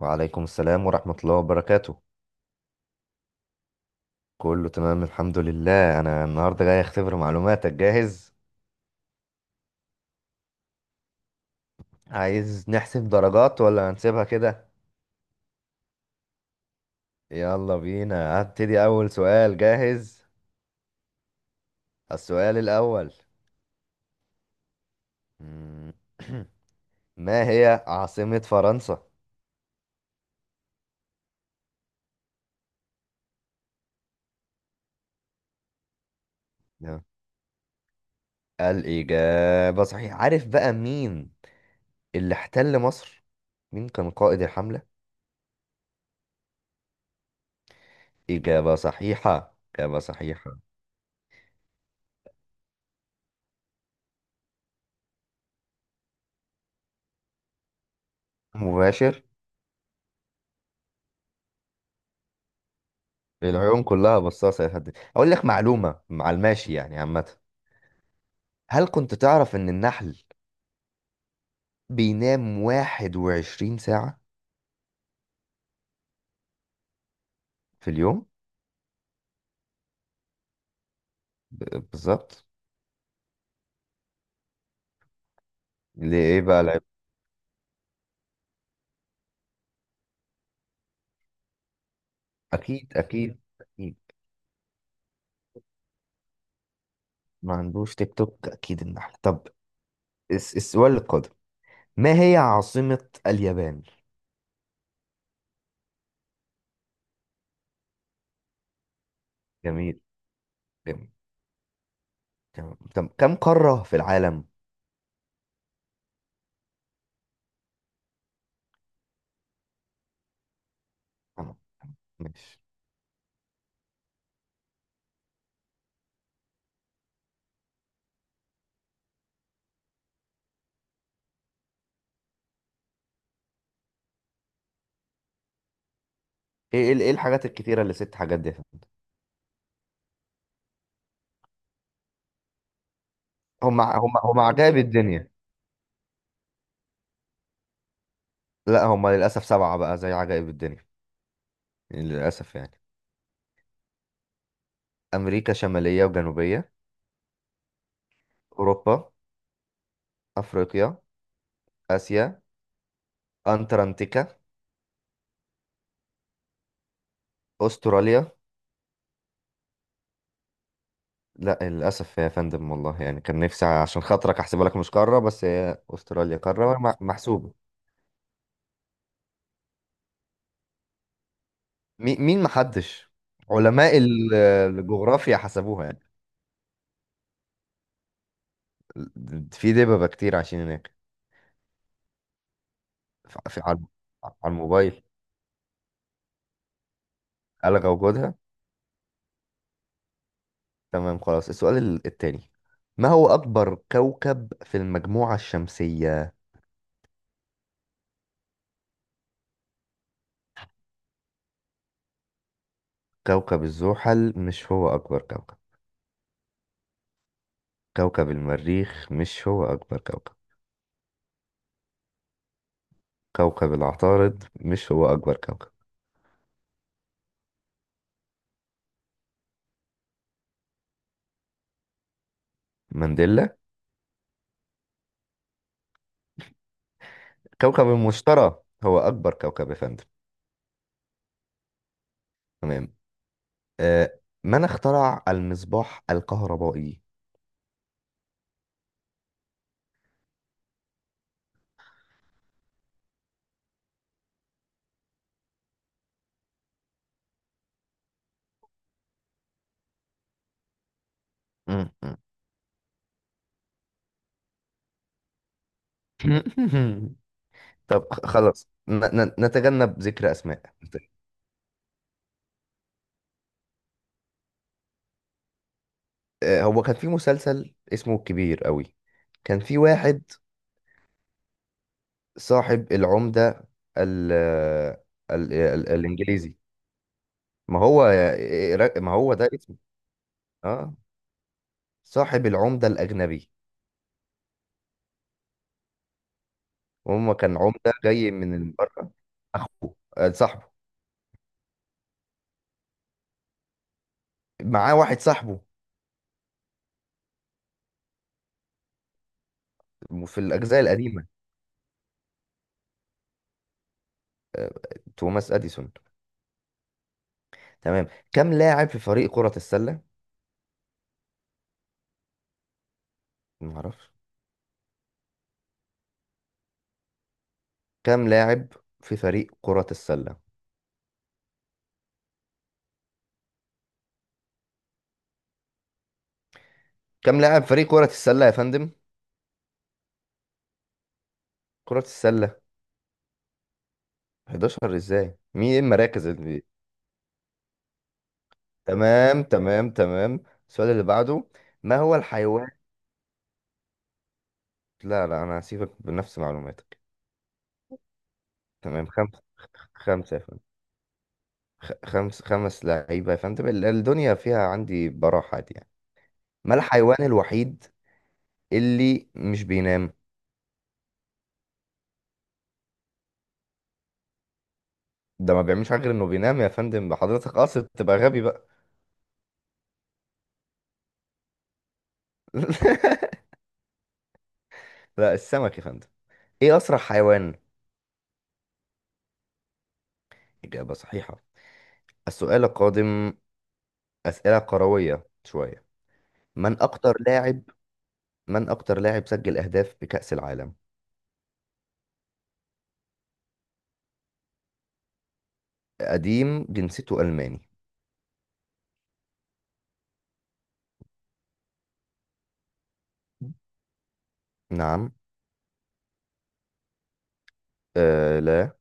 وعليكم السلام ورحمة الله وبركاته. كله تمام الحمد لله. أنا النهاردة جاي أختبر معلوماتك، جاهز؟ عايز نحسب درجات ولا هنسيبها كده؟ يلا بينا هبتدي أول سؤال، جاهز؟ السؤال الأول. مم. ما هي عاصمة فرنسا؟ نعم. الإجابة صحيحة. عارف بقى مين اللي احتل مصر؟ مين كان قائد الحملة؟ إجابة صحيحة، إجابة صحيحة. مباشر. العيون كلها بصاصة يا فندم. أقول لك معلومة مع الماشي يعني، عامة، هل كنت تعرف إن النحل بينام 21 ساعة في اليوم؟ بالظبط. ليه، إيه بقى العيب؟ أكيد أكيد أكيد. ما عندوش تيك توك، أكيد النحل. طب السؤال القادم، ما هي عاصمة اليابان؟ جميل، جميل. تمام. طب كم قارة في العالم؟ تمام، ماشي. إيه إيه إيه الحاجات الكتيرة اللي ست حاجات دي يا فندم؟ هم هم هم عجائب الدنيا. لا هما للأسف سبعة، بقى زي عجائب الدنيا يعني. للأسف يعني. أمريكا شمالية وجنوبية، أوروبا، أفريقيا، آسيا، أنتاركتيكا، أستراليا. لا للأسف يا فندم، والله يعني كان نفسي عشان خاطرك أحسبها لك مش قارة، بس هي أستراليا قارة محسوبة. مين محدش؟ علماء الجغرافيا حسبوها يعني. في دببة كتير عايشين هناك. على، على الموبايل، ألغى وجودها. تمام خلاص. السؤال التاني. ما هو أكبر كوكب في المجموعة الشمسية؟ كوكب الزحل مش هو أكبر كوكب. كوكب المريخ مش هو أكبر كوكب. كوكب العطارد مش هو أكبر كوكب. مانديلا؟ كوكب المشتري هو أكبر كوكب يا فندم. تمام. آه، من اخترع المصباح الكهربائي؟ طب خلاص نتجنب ذكر أسماء. هو كان في مسلسل اسمه الكبير قوي، كان في واحد صاحب العمدة، ال آه، ال الإنجليزي. ما هو، ما هو ده اسمه، اه، صاحب العمدة الأجنبي. وهم كان عمدة جاي من بره. أخوه، صاحبه، معاه واحد صاحبه في الأجزاء القديمة. توماس أديسون. تمام. كم لاعب في فريق كرة السلة؟ ما أعرفش. كم لاعب في فريق كرة السلة؟ كم لاعب فريق كرة السلة يا فندم؟ كرة السلة. 11 ازاي؟ مين، ايه المراكز اللي؟ تمام تمام تمام. السؤال اللي بعده، ما هو الحيوان؟ لا لا انا هسيبك بنفس معلوماتك. تمام، خمس، خمسة يا فندم، خمس لعيبة يا فندم، الدنيا فيها عندي براحة دي يعني. ما الحيوان الوحيد اللي مش بينام؟ ده ما بيعملش حاجة غير انه بينام يا فندم، حضرتك قاصد تبقى غبي بقى؟ لا السمك يا فندم. ايه اسرع حيوان؟ إجابة صحيحة. السؤال القادم، أسئلة كروية شوية. من أكتر لاعب، من أكتر لاعب سجل أهداف بكأس العالم؟ قديم، جنسيته ألماني. نعم. لا.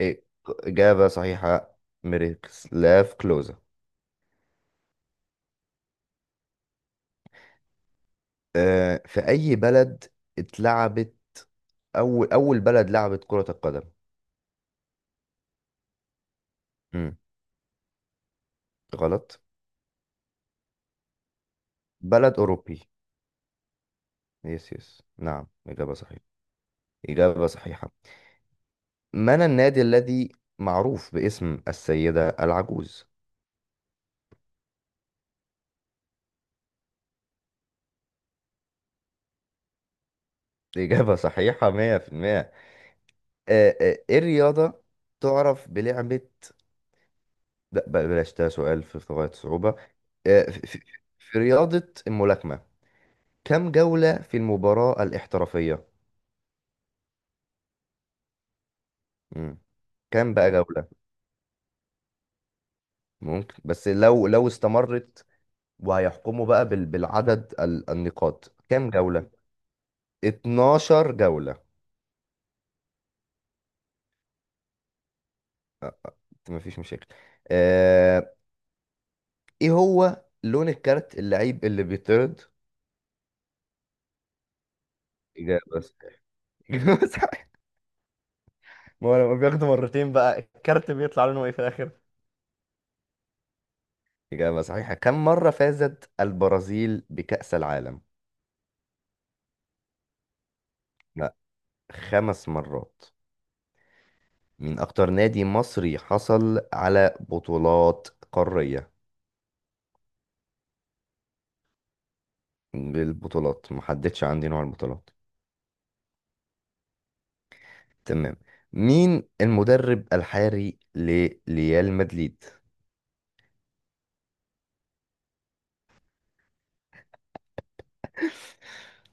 إيه. إجابة صحيحة، ميروسلاف كلوزا. آه، في أي بلد اتلعبت أول، أول بلد لعبت كرة القدم؟ مم. غلط. بلد أوروبي. يس يس نعم، إجابة صحيحة. إجابة صحيحة. من النادي الذي معروف باسم السيدة العجوز؟ إجابة صحيحة 100%. آه آه، إيه الرياضة تعرف بلعبة، لا بلاش، ده سؤال في في غاية الصعوبة. آه، في في- في رياضة الملاكمة، كم جولة في المباراة الاحترافية؟ مم. كم بقى جولة؟ ممكن، بس لو استمرت وهيحكموا بقى بالعدد، النقاط، كم جولة؟ 12 جولة. مفيش مشاكل. آه، ايه هو لون الكارت اللعيب اللي بيطرد؟ إجابة صحيحة. إجابة صحيحة. ما هو لما بياخده مرتين بقى الكارت بيطلع لونه ايه في الآخر؟ إجابة صحيحة. كم مرة فازت البرازيل بكأس العالم؟ لا، خمس مرات. مين أكتر نادي مصري حصل على بطولات قارية؟ بالبطولات محددش عندي نوع البطولات. تمام. مين المدرب الحالي لريال مدريد؟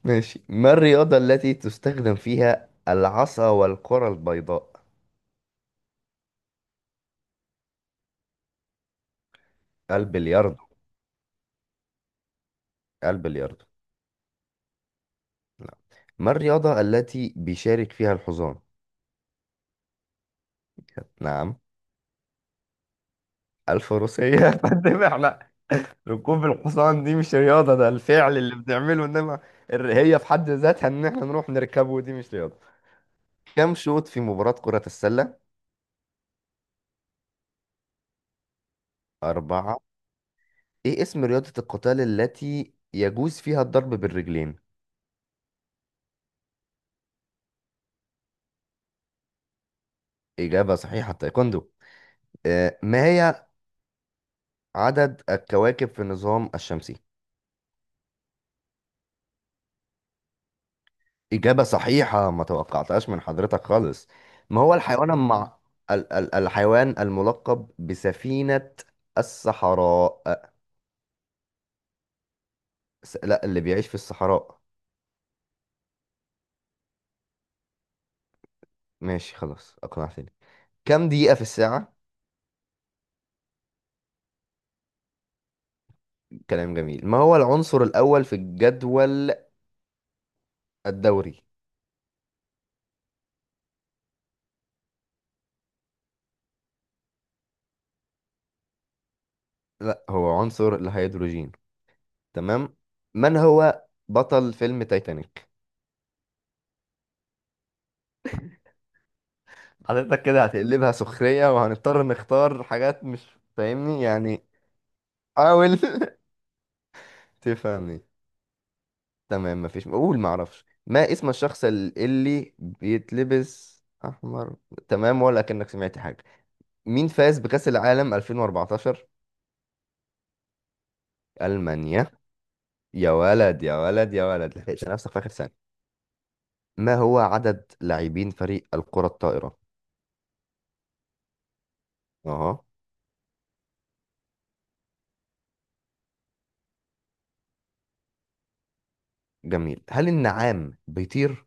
ماشي. ما الرياضة التي تستخدم فيها العصا والكرة البيضاء؟ البلياردو. البلياردو. لا. ما الرياضة التي بيشارك فيها الحصان؟ نعم. الفروسية. فانما احنا، ركوب الحصان دي مش رياضة، ده الفعل اللي بنعمله، انما هي في حد ذاتها ان احنا نروح نركبه دي مش رياضة. كم شوط في مباراة كرة السلة؟ أربعة. ايه اسم رياضة القتال التي يجوز فيها الضرب بالرجلين؟ إجابة صحيحة، تايكوندو. آه، ما هي عدد الكواكب في النظام الشمسي؟ إجابة صحيحة، ما توقعتهاش من حضرتك خالص. ما هو الحيوان، مع ال ال الحيوان الملقب بسفينة الصحراء؟ آه، لا اللي بيعيش في الصحراء. ماشي خلاص اقنعتني. كم دقيقة في الساعة؟ كلام جميل. ما هو العنصر الأول في الجدول الدوري؟ لا هو عنصر الهيدروجين. تمام. من هو بطل فيلم تايتانيك؟ حضرتك كده هتقلبها سخرية وهنضطر نختار حاجات مش فاهمني يعني. حاول. تفهمني. تمام، مفيش قول معرفش ما اسم الشخص اللي بيتلبس أحمر. تمام ولا كأنك سمعت حاجة. مين فاز بكأس العالم 2014؟ ألمانيا. يا ولد يا ولد يا ولد، لحقت نفسك في آخر ثانية. ما هو عدد لاعبين فريق الكرة الطائرة؟ اه. جميل. هل النعام بيطير؟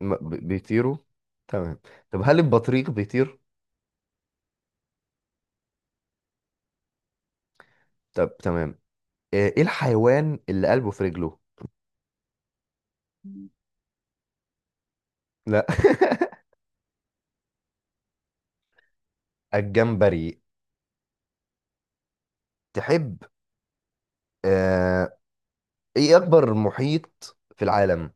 بيطيروا. تمام. طب هل البطريق بيطير؟ طب تمام. ايه، إيه الحيوان اللي قلبه في رجله؟ لا. الجمبري. تحب، آه... ايه اكبر محيط في العالم؟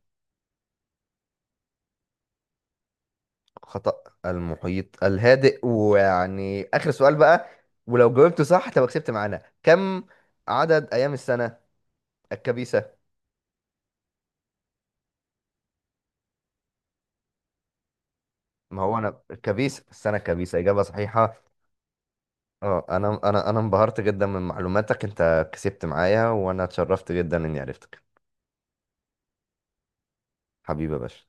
خطأ، المحيط الهادئ. ويعني آخر سؤال بقى، ولو جاوبته صح تبقى كسبت معانا، كم عدد أيام السنة الكبيسة؟ ما هو أنا الكبيس، السنة الكبيسة، إجابة صحيحة. اه، أنا أنا أنا انبهرت جدا من معلوماتك، أنت كسبت معايا، وأنا اتشرفت جدا إني عرفتك. حبيبي يا باشا.